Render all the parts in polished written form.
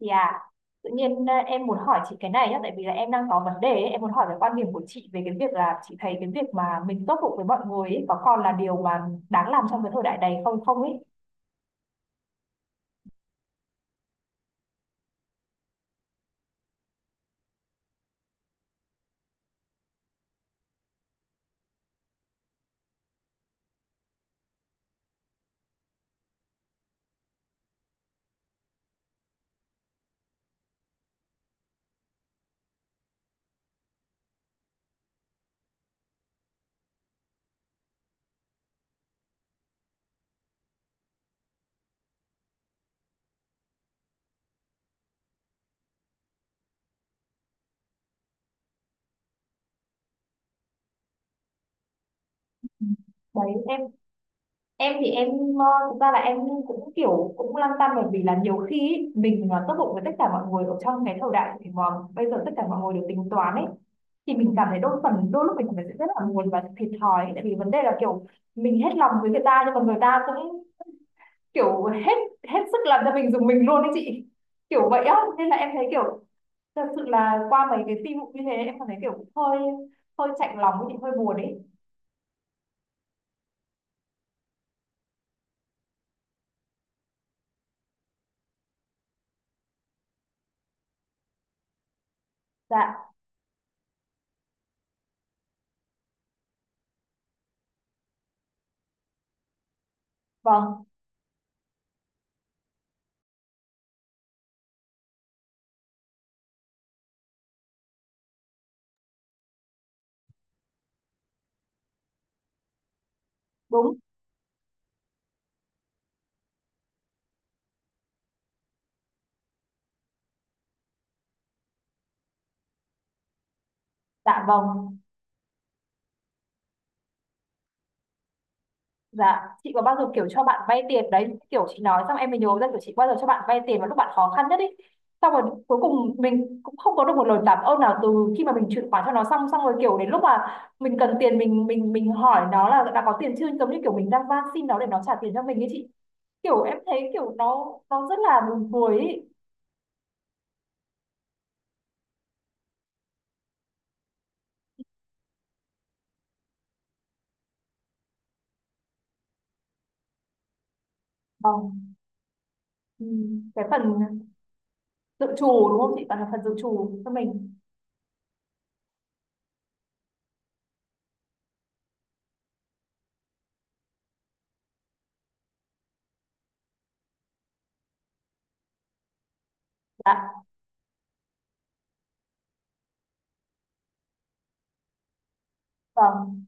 Chị à, em muốn hỏi chị cái này nhá, tại vì là em đang có vấn đề ấy. Em muốn hỏi về quan điểm của chị về cái việc là chị thấy cái việc mà mình tốt bụng với mọi người ấy, có còn là điều mà đáng làm trong cái thời đại này không không ấy. Ừ. Đấy, em thì em ờ, thực ra là em cũng kiểu cũng lăn tăn bởi vì là nhiều khi ấy, mình mà tốt bụng với tất cả mọi người ở trong cái thời đại mà bây giờ tất cả mọi người đều tính toán ấy thì mình cảm thấy đôi phần đôi lúc mình cảm thấy rất là buồn và thiệt thòi ấy. Tại vì vấn đề là kiểu mình hết lòng với người ta nhưng mà người ta cũng kiểu hết hết sức làm cho mình dùng mình luôn đấy chị, kiểu vậy á nên là em thấy kiểu thật sự là qua mấy cái tin vụ như thế em cảm thấy kiểu hơi hơi chạnh lòng với chị, hơi buồn ấy. Dạ vâng. Đúng. Dạ vâng. Dạ chị có bao giờ kiểu cho bạn vay tiền đấy, kiểu chị nói xong em mới nhớ ra, kiểu chị bao giờ cho bạn vay tiền vào lúc bạn khó khăn nhất ấy, xong rồi cuối cùng mình cũng không có được một lời cảm ơn nào từ khi mà mình chuyển khoản cho nó xong xong rồi kiểu đến lúc mà mình cần tiền mình hỏi nó là đã có tiền chưa, giống như kiểu mình đang van xin nó để nó trả tiền cho mình ấy chị, kiểu em thấy kiểu nó rất là buồn cười ý. Vâng. Ừ. Cái phần dự trù đúng không chị? Toàn là phần dự trù cho mình. Dạ. Vâng.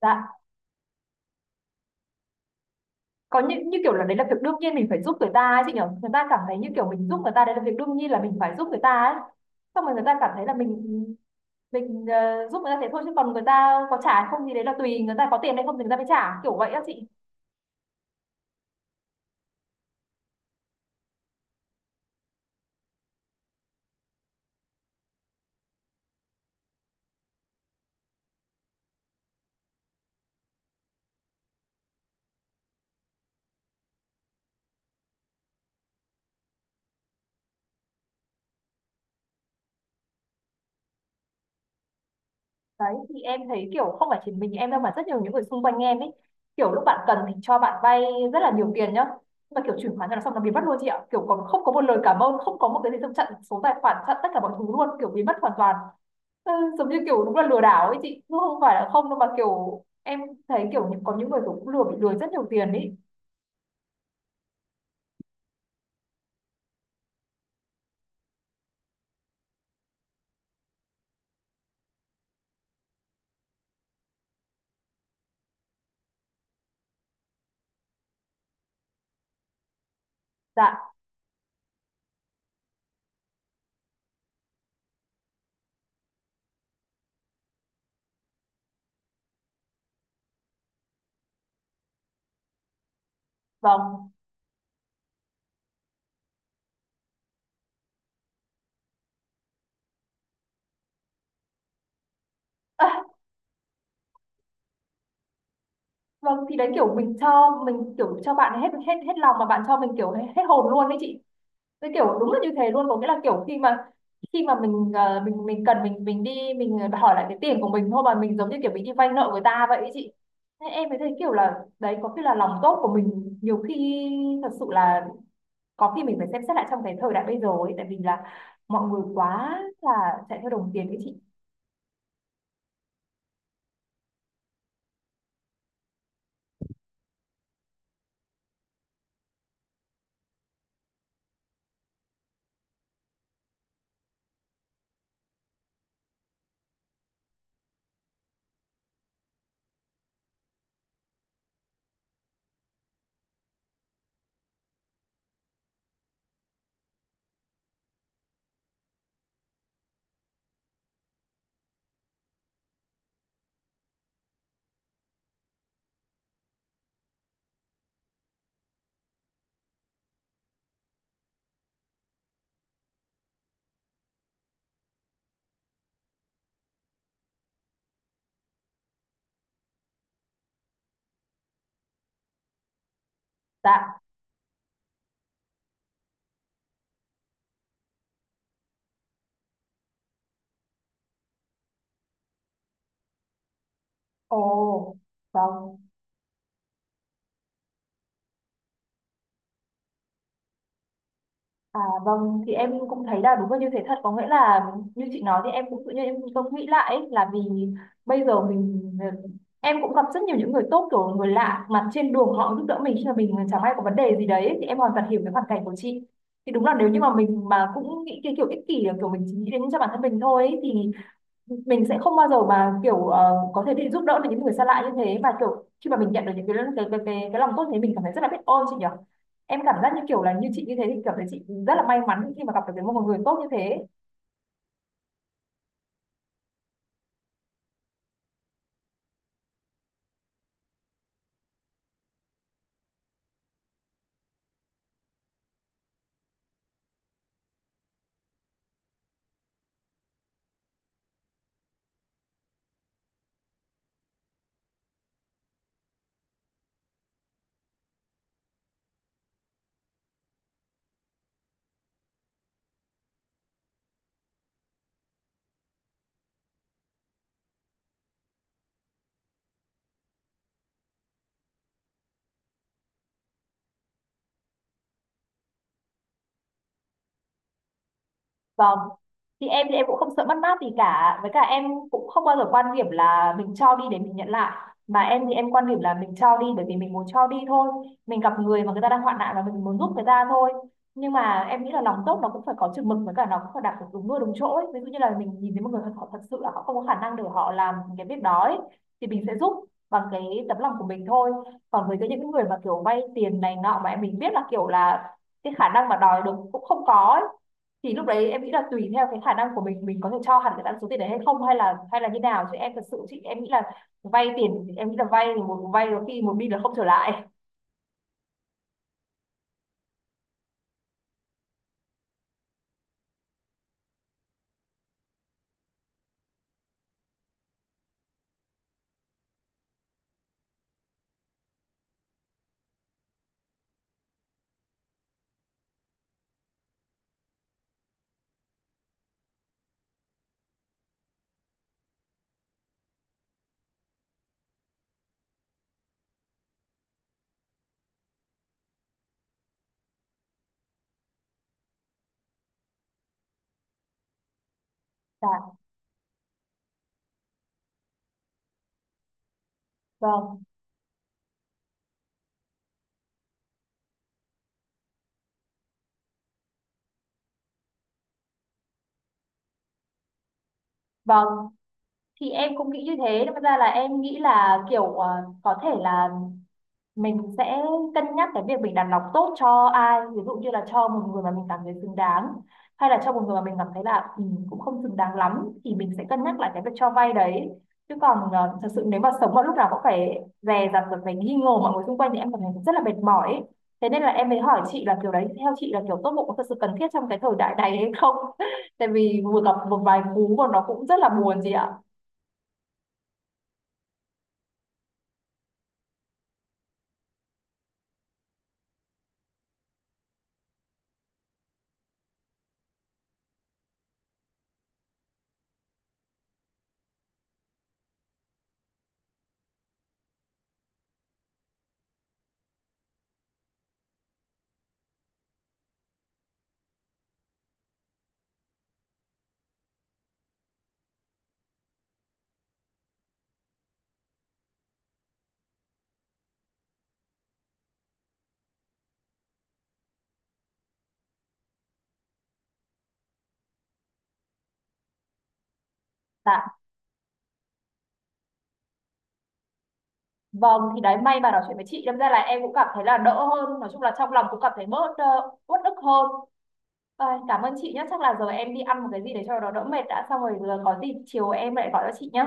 Dạ. Có những như kiểu là đấy là việc đương nhiên mình phải giúp người ta ấy chị nhỉ? Người ta cảm thấy như kiểu mình giúp người ta đấy là việc đương nhiên là mình phải giúp người ta ấy. Xong rồi người ta cảm thấy là mình giúp người ta thế thôi chứ còn người ta có trả hay không thì đấy là tùy người ta có tiền hay không thì người ta mới trả, kiểu vậy á chị. Đấy thì em thấy kiểu không phải chỉ mình em đâu mà rất nhiều những người xung quanh em ấy, kiểu lúc bạn cần thì cho bạn vay rất là nhiều tiền nhá, nhưng mà kiểu chuyển khoản cho nó xong nó biến mất luôn chị ạ, kiểu còn không có một lời cảm ơn, không có một cái gì, trong chặn số tài khoản chặn tất cả mọi thứ luôn, kiểu biến mất hoàn toàn. ừ, Giống như kiểu đúng là lừa đảo ấy chị chứ không phải là không đâu, mà kiểu em thấy kiểu có những người kiểu cũng bị lừa rất nhiều tiền ấy. Dạ vâng. à, vâng thì đấy kiểu mình cho mình kiểu cho bạn hết hết hết lòng mà bạn cho mình kiểu hết hồn luôn đấy chị. Cái kiểu đúng là như thế luôn, có nghĩa là kiểu khi mà mình cần mình đi mình hỏi lại cái tiền của mình thôi mà mình giống như kiểu mình đi vay nợ người ta vậy ấy chị. Thế em mới thấy kiểu là đấy có khi là lòng tốt của mình nhiều khi thật sự là có khi mình phải xem xét lại trong cái thời đại bây giờ ấy, tại vì là mọi người quá là chạy theo đồng tiền ấy chị. Dạ. Ồ. Vâng. À, vâng thì em cũng thấy là đúng là như thế thật, có nghĩa là như chị nói thì em cũng tự nhiên em cũng nghĩ lại ấy, là vì bây giờ mình em cũng gặp rất nhiều những người tốt kiểu người lạ mặt trên đường họ giúp đỡ mình khi mà mình chẳng may có vấn đề gì đấy ấy, thì em hoàn toàn hiểu cái hoàn cảnh của chị. Thì đúng là nếu như mà mình mà cũng nghĩ cái kiểu ích kỷ kiểu mình chỉ nghĩ đến cho bản thân mình thôi ấy, thì mình sẽ không bao giờ mà kiểu có thể đi giúp đỡ được những người xa lạ như thế, và kiểu khi mà mình nhận được những cái lòng tốt thế mình cảm thấy rất là biết ơn chị nhỉ. Em cảm giác như kiểu là như chị như thế thì cảm thấy chị rất là may mắn khi mà gặp được cái một người tốt như thế. Vâng. Thì em cũng không sợ mất mát gì cả, với cả em cũng không bao giờ quan điểm là mình cho đi để mình nhận lại, mà em thì em quan điểm là mình cho đi bởi vì mình muốn cho đi thôi. Mình gặp người mà người ta đang hoạn nạn và mình muốn giúp người ta thôi. Nhưng mà em nghĩ là lòng tốt nó cũng phải có chừng mực, với cả nó cũng phải đặt được đúng nơi đúng chỗ ấy. Ví dụ như là mình nhìn thấy một người họ thật sự là họ không có khả năng để họ làm cái việc đó ấy, thì mình sẽ giúp bằng cái tấm lòng của mình thôi. Còn với cái những người mà kiểu vay tiền này nọ mà mình biết là kiểu là cái khả năng mà đòi được cũng không có ấy, thì lúc đấy em nghĩ là tùy theo cái khả năng của mình có thể cho hẳn cái ta số tiền đấy hay không hay là như nào, chứ em thật sự em nghĩ là vay tiền em nghĩ là vay thì một vay có khi một bi là không trở lại dạ vâng. Vâng thì em cũng nghĩ như thế, đâm ra là em nghĩ là kiểu có thể là mình sẽ cân nhắc cái việc mình đặt cọc tốt cho ai, ví dụ như là cho một người mà mình cảm thấy xứng đáng, hay là cho một người mà mình cảm thấy là ừ, cũng không xứng đáng lắm thì mình sẽ cân nhắc lại cái việc cho vay đấy. Chứ còn thật sự nếu mà sống mà lúc nào cũng phải dè dặt rồi phải nghi ngờ mọi người xung quanh thì em cảm thấy rất là mệt mỏi ấy. Thế nên là em mới hỏi chị là kiểu đấy theo chị là kiểu tốt bụng có thật sự cần thiết trong cái thời đại này hay không tại vì vừa gặp một vài cú mà nó cũng rất là buồn chị ạ. Dạ. Vâng thì đấy may mà nói chuyện với chị đâm ra là em cũng cảm thấy là đỡ hơn, nói chung là trong lòng cũng cảm thấy bớt uất ức hơn. Ai, cảm ơn chị nhé, chắc là giờ em đi ăn một cái gì để cho nó đỡ mệt đã, xong rồi giờ có gì chiều em lại gọi cho chị nhé.